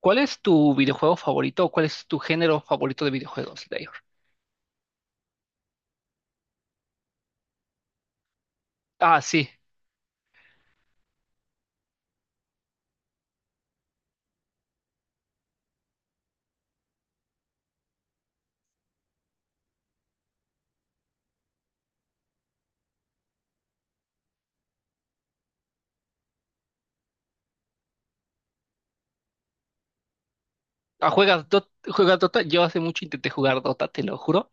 ¿Cuál es tu videojuego favorito o cuál es tu género favorito de videojuegos, Layor? Ah, sí. Ah, ¿juegas Dota? ¿Juegas Dota? Yo hace mucho intenté jugar Dota, te lo juro,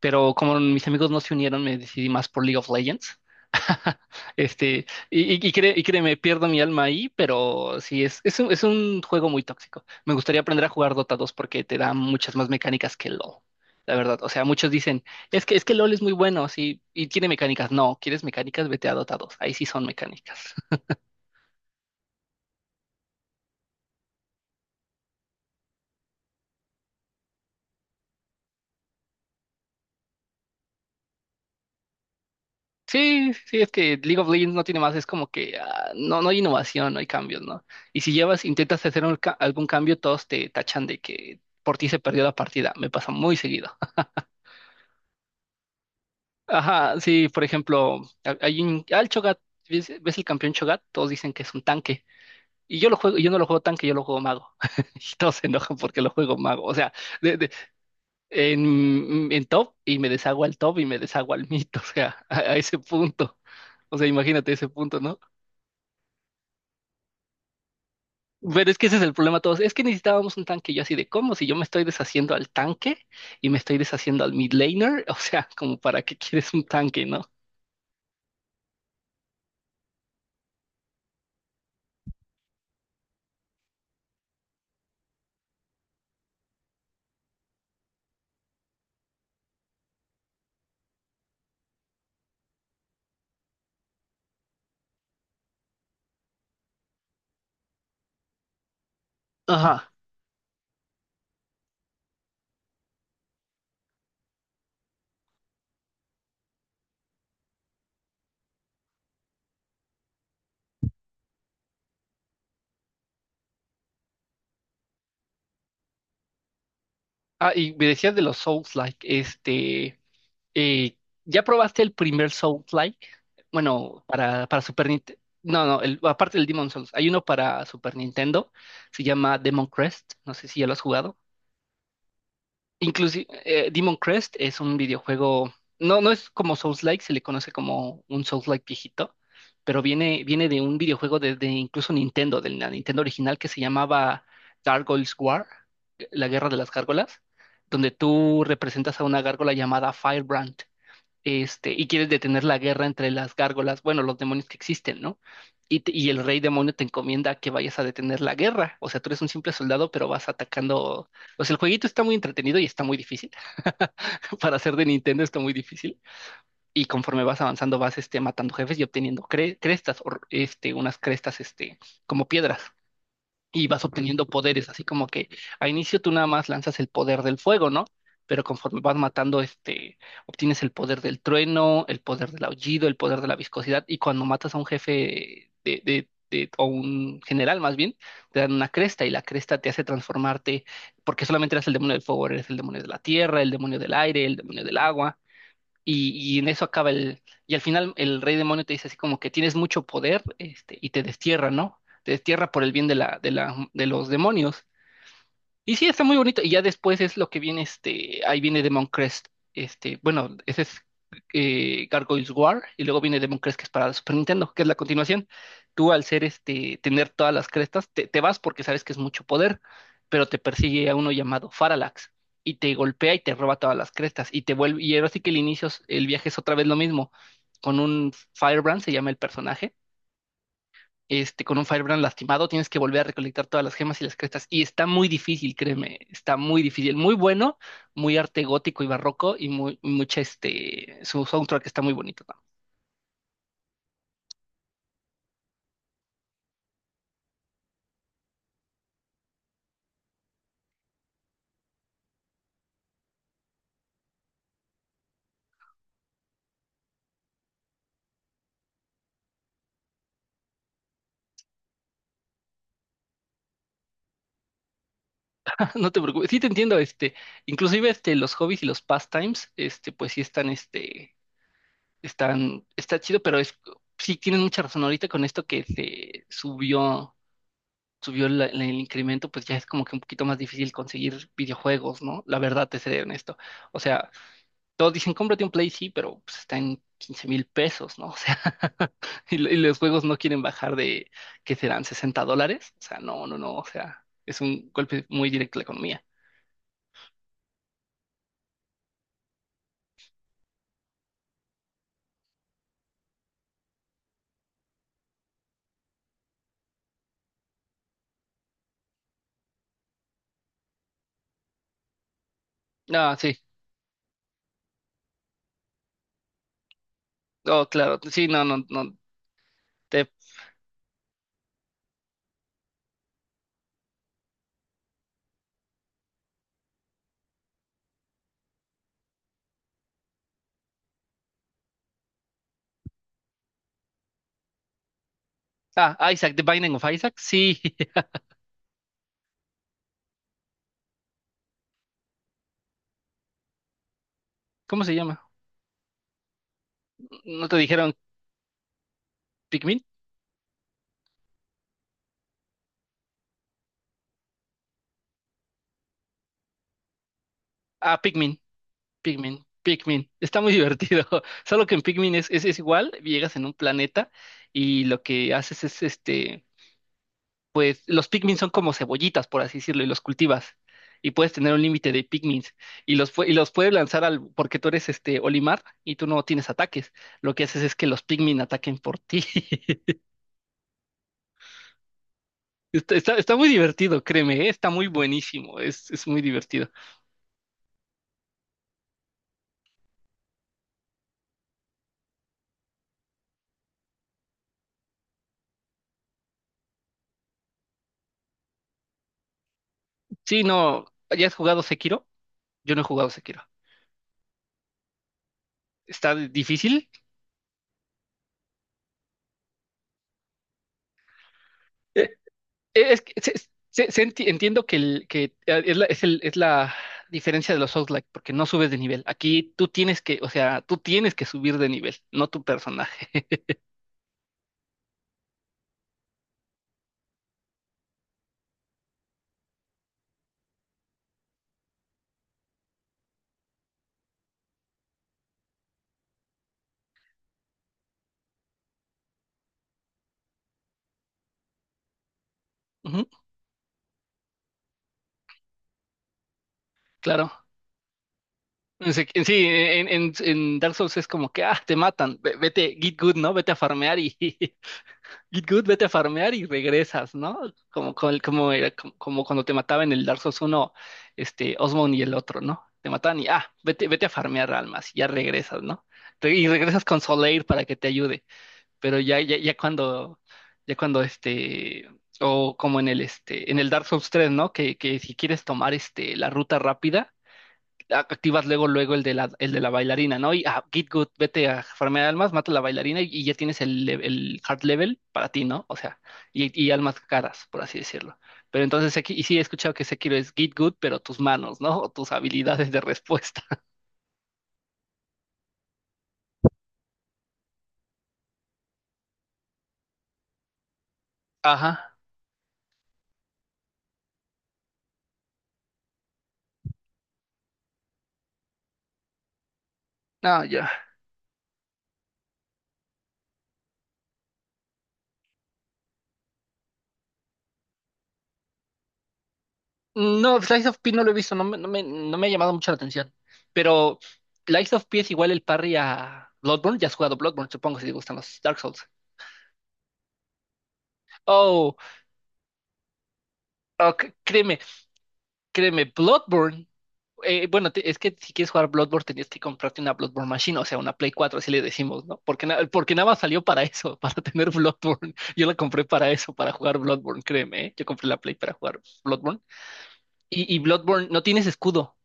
pero como mis amigos no se unieron, me decidí más por League of Legends. Y créeme, pierdo mi alma ahí, pero sí, es un juego muy tóxico. Me gustaría aprender a jugar Dota 2 porque te da muchas más mecánicas que LoL, la verdad. O sea, muchos dicen, es que LoL es muy bueno, sí, y tiene mecánicas. No, ¿quieres mecánicas? Vete a Dota 2, ahí sí son mecánicas. Sí, sí, es que League of Legends no tiene más, es como que ah, no, no hay innovación, no hay cambios, ¿no? Y si llevas, intentas hacer un algún cambio, todos te tachan de que por ti se perdió la partida. Me pasa muy seguido. Ajá, sí, por ejemplo, hay un, al Cho'Gath, ¿ves, ves el campeón Cho'Gath? Todos dicen que es un tanque. Y yo lo juego, yo no lo juego tanque, yo lo juego mago. Y todos se enojan porque lo juego mago. O sea, de- de- en top y me deshago al top y me deshago al mid. O sea, a ese punto. O sea, imagínate ese punto, ¿no? Pero es que ese es el problema todos. Es que necesitábamos un tanque. Yo así de cómo, si yo me estoy deshaciendo al tanque y me estoy deshaciendo al mid laner, o sea, como para qué quieres un tanque, ¿no? Ajá. Ah, y me decías de los Souls-like, eh, ¿ya probaste el primer Souls-like? Bueno, para Super Nintendo. No, no, aparte del Demon Souls, hay uno para Super Nintendo, se llama Demon Crest, no sé si ya lo has jugado. Inclusive, Demon Crest es un videojuego, no, no es como Souls-like, se le conoce como un Souls-like viejito, pero viene de un videojuego de incluso Nintendo, de la Nintendo original que se llamaba Gargoyles War, la guerra de las gárgolas, donde tú representas a una gárgola llamada Firebrand. Y quieres detener la guerra entre las gárgolas, bueno, los demonios que existen, ¿no? Y, y el rey demonio te encomienda que vayas a detener la guerra. O sea, tú eres un simple soldado, pero vas atacando. O sea, el jueguito está muy entretenido y está muy difícil. Para ser de Nintendo está muy difícil. Y conforme vas avanzando, vas matando jefes y obteniendo crestas, o, unas crestas, como piedras, y vas obteniendo poderes, así como que a inicio tú nada más lanzas el poder del fuego, ¿no? Pero conforme vas matando, obtienes el poder del trueno, el poder del aullido, el poder de la viscosidad, y cuando matas a un jefe o un general más bien, te dan una cresta, y la cresta te hace transformarte, porque solamente eras el demonio del fuego, ahora eres el demonio de la tierra, el demonio del aire, el demonio del agua, y en eso acaba el... Y al final el rey demonio te dice así como que tienes mucho poder, y te destierra, ¿no? Te destierra por el bien de de los demonios. Y sí, está muy bonito. Y ya después es lo que viene, ahí viene Demon Crest. Ese es Gargoyles War, y luego viene Demon Crest, que es para la Super Nintendo, que es la continuación. Tú al ser tener todas las crestas, te vas porque sabes que es mucho poder, pero te persigue a uno llamado Faralax, y te golpea y te roba todas las crestas, y te vuelve, y ahora sí que el inicio, el viaje es otra vez lo mismo, con un Firebrand, se llama el personaje. Este, con un Firebrand lastimado, tienes que volver a recolectar todas las gemas y las crestas. Y está muy difícil, créeme, está muy difícil. Muy bueno, muy arte gótico y barroco y muy, mucha, su soundtrack está muy bonito. No. No te preocupes, sí te entiendo, inclusive, los hobbies y los pastimes, pues sí están, está chido, pero es, sí tienen mucha razón ahorita con esto que se subió. Subió el incremento, pues ya es como que un poquito más difícil conseguir videojuegos, ¿no? La verdad, te seré honesto. O sea, todos dicen, cómprate un Play, sí, pero pues, está en 15.000 pesos, ¿no? O sea, y, y los juegos no quieren bajar de, ¿qué serán? ¿60 dólares? O sea, no, no, no, o sea, es un golpe muy directo a la economía. Ah, sí, oh, claro, sí, no, no, no. te- Isaac, The Binding of Isaac, sí. ¿Cómo se llama? ¿No te dijeron Pikmin? Ah, Pikmin, Pikmin. Está muy divertido. Solo que en Pikmin es igual, llegas en un planeta y lo que haces es pues los Pikmin son como cebollitas, por así decirlo, y los cultivas. Y puedes tener un límite de Pikmins. Y los puedes lanzar al, porque tú eres este Olimar y tú no tienes ataques. Lo que haces es que los Pikmin ataquen por ti. Está muy divertido, créeme, ¿eh? Está muy buenísimo. Es muy divertido. Sí, no, ¿ya has jugado Sekiro? Yo no he jugado Sekiro. ¿Está difícil? Es que entiendo que es la diferencia de los Souls-like, porque no subes de nivel. Aquí tú tienes que, o sea, tú tienes que subir de nivel, no tu personaje. Ujú, claro. En se- en Sí, en Dark Souls es como que, ah, te matan, vete, get good, ¿no? Vete a farmear y Git Good, vete a farmear y regresas, ¿no? Como cuando te mataba en el Dark Souls 1, Osmond y el otro, ¿no? Te mataban y, ah, vete a farmear almas y ya regresas, ¿no? Y regresas con Soleil para que te ayude, pero ya cuando o como en el Dark Souls 3, ¿no? Que si quieres tomar, la ruta rápida, activas luego el el de la bailarina, ¿no? Y ah, Git Good, vete a farmear almas, mata a la bailarina y ya tienes el, el hard level para ti, ¿no? O sea, y almas caras, por así decirlo. Pero entonces aquí, y sí he escuchado que Sekiro es Git Good, pero tus manos, ¿no? O tus habilidades de respuesta. Ajá. No, ya. No, Slice of P no lo he visto, no me, no me ha llamado mucho la atención. Pero Slice of P es igual el parry a Bloodborne, ya has jugado Bloodborne, supongo si te gustan los Dark Souls. Oh, ok, créeme, créeme, Bloodborne. Es que si quieres jugar Bloodborne tenías que comprarte una Bloodborne Machine, o sea, una Play 4 así le decimos, ¿no? Porque, porque nada más salió para eso, para tener Bloodborne. Yo la compré para eso, para jugar Bloodborne, créeme, ¿eh? Yo compré la Play para jugar Bloodborne. Y Bloodborne, no tienes escudo.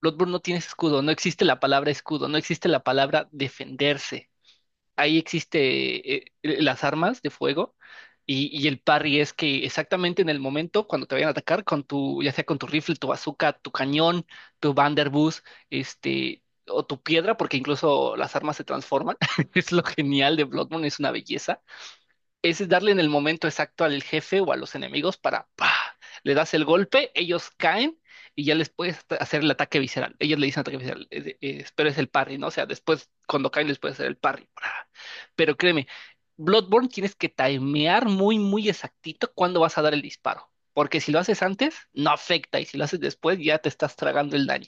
Bloodborne no tienes escudo, no existe la palabra escudo, no existe la palabra defenderse, ahí existe las armas de fuego, y el parry es que exactamente en el momento cuando te vayan a atacar con tu, ya sea con tu rifle, tu bazooka, tu cañón, tu Vanderbuss, este, o tu piedra, porque incluso las armas se transforman. Es lo genial de Bloodborne, es una belleza, es darle en el momento exacto al jefe o a los enemigos para, ¡pah! Le das el golpe, ellos caen y ya les puedes hacer el ataque visceral. Ellos le dicen ataque visceral, pero es el parry, ¿no? O sea, después, cuando caen, les puedes hacer el parry. ¡Pra! Pero créeme, Bloodborne tienes que timear muy, muy exactito cuándo vas a dar el disparo. Porque si lo haces antes, no afecta. Y si lo haces después, ya te estás tragando el daño.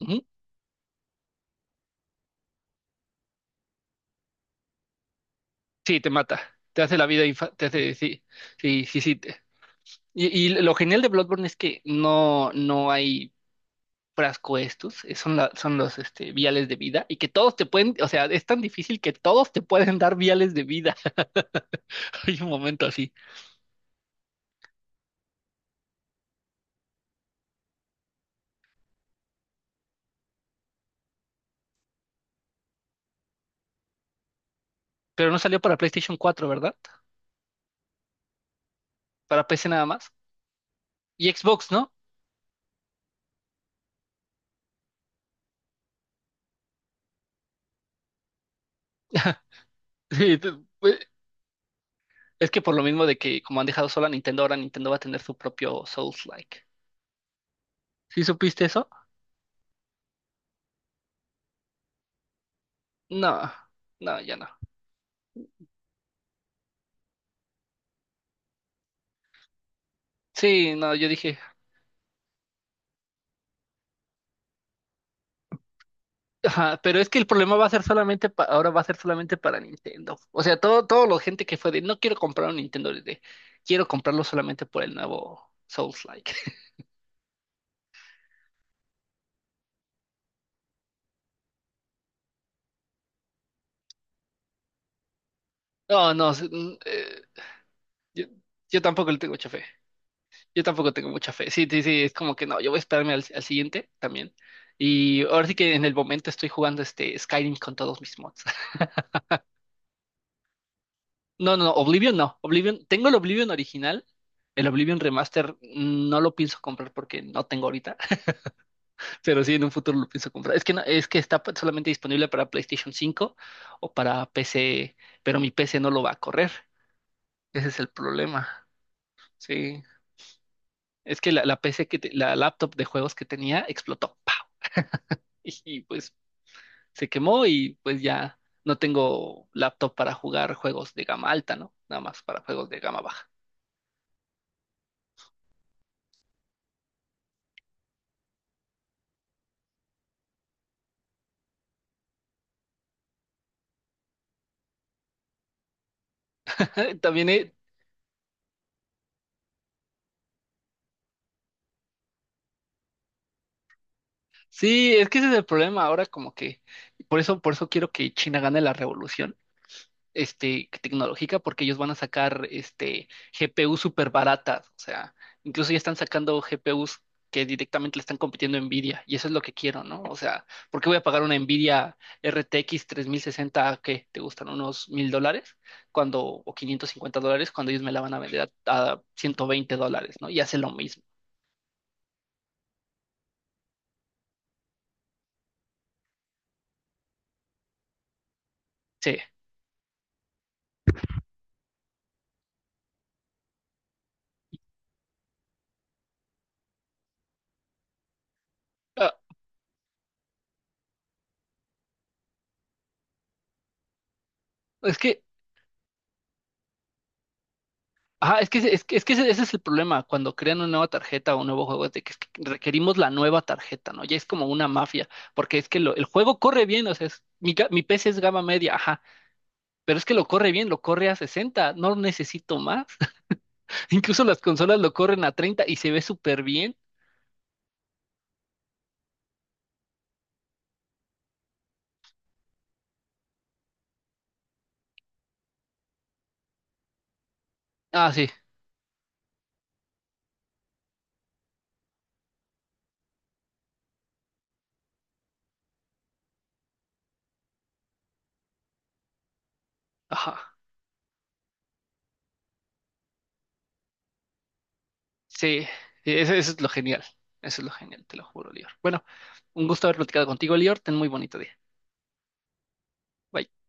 Ujú. Sí, te mata. Te hace la vida sí, sí, sí, sí. Y lo genial de Bloodborne es que no, no hay frasco estos, son, son los viales de vida y que todos te pueden, o sea, es tan difícil que todos te pueden dar viales de vida. Hay un momento así. Pero no salió para PlayStation 4, ¿verdad? Para PC nada más. Y Xbox, ¿no? Sí, pues, es que por lo mismo de que como han dejado sola a Nintendo, ahora Nintendo va a tener su propio Souls-like. ¿Sí supiste eso? No, no, ya no. Sí, no, yo dije, ajá, pero es que el problema va a ser solamente ahora va a ser solamente para Nintendo. O sea, todo la gente que fue de no quiero comprar un Nintendo de quiero comprarlo solamente por el nuevo Souls-like. No, no, yo, yo tampoco le tengo mucha fe. Yo tampoco tengo mucha fe. Sí, sí, sí, es como que no, yo voy a esperarme al siguiente también. Y ahora sí que en el momento estoy jugando este Skyrim con todos mis mods. No, no, no, Oblivion no. Oblivion, tengo el Oblivion original. El Oblivion Remaster mm, no lo pienso comprar porque no tengo ahorita. Pero sí, en un futuro lo pienso comprar. Es que es que está solamente disponible para PlayStation 5 o para PC, pero mi PC no lo va a correr. Ese es el problema. Sí. Es que la PC que la laptop de juegos que tenía explotó. ¡Pau! Y, y, pues se quemó y pues ya no tengo laptop para jugar juegos de gama alta, ¿no? Nada más para juegos de gama baja. También sí, es que ese es el problema ahora como que por eso, por eso quiero que China gane la revolución tecnológica porque ellos van a sacar GPU súper baratas. O sea, incluso ya están sacando GPUs que directamente le están compitiendo a Nvidia, y eso es lo que quiero, ¿no? O sea, ¿por qué voy a pagar una Nvidia RTX 60 que te gustan unos 1.000 dólares cuando, o 550 dólares cuando ellos me la van a vender a 120 dólares, ¿no? Y hace lo mismo. Sí. Ah, es que Ajá, es que ese es el problema cuando crean una nueva tarjeta o un nuevo juego, es de que es que requerimos la nueva tarjeta, ¿no? Ya es como una mafia, porque es que el juego corre bien, o sea, mi PC es gama media, ajá, pero es que lo corre bien, lo corre a 60, no necesito más. Incluso las consolas lo corren a 30 y se ve súper bien. Ah, sí, ajá, sí, sí, eso es lo genial, eso es lo genial, te lo juro, Lior. Bueno, un gusto haber platicado contigo, Lior, ten muy bonito día. Bye.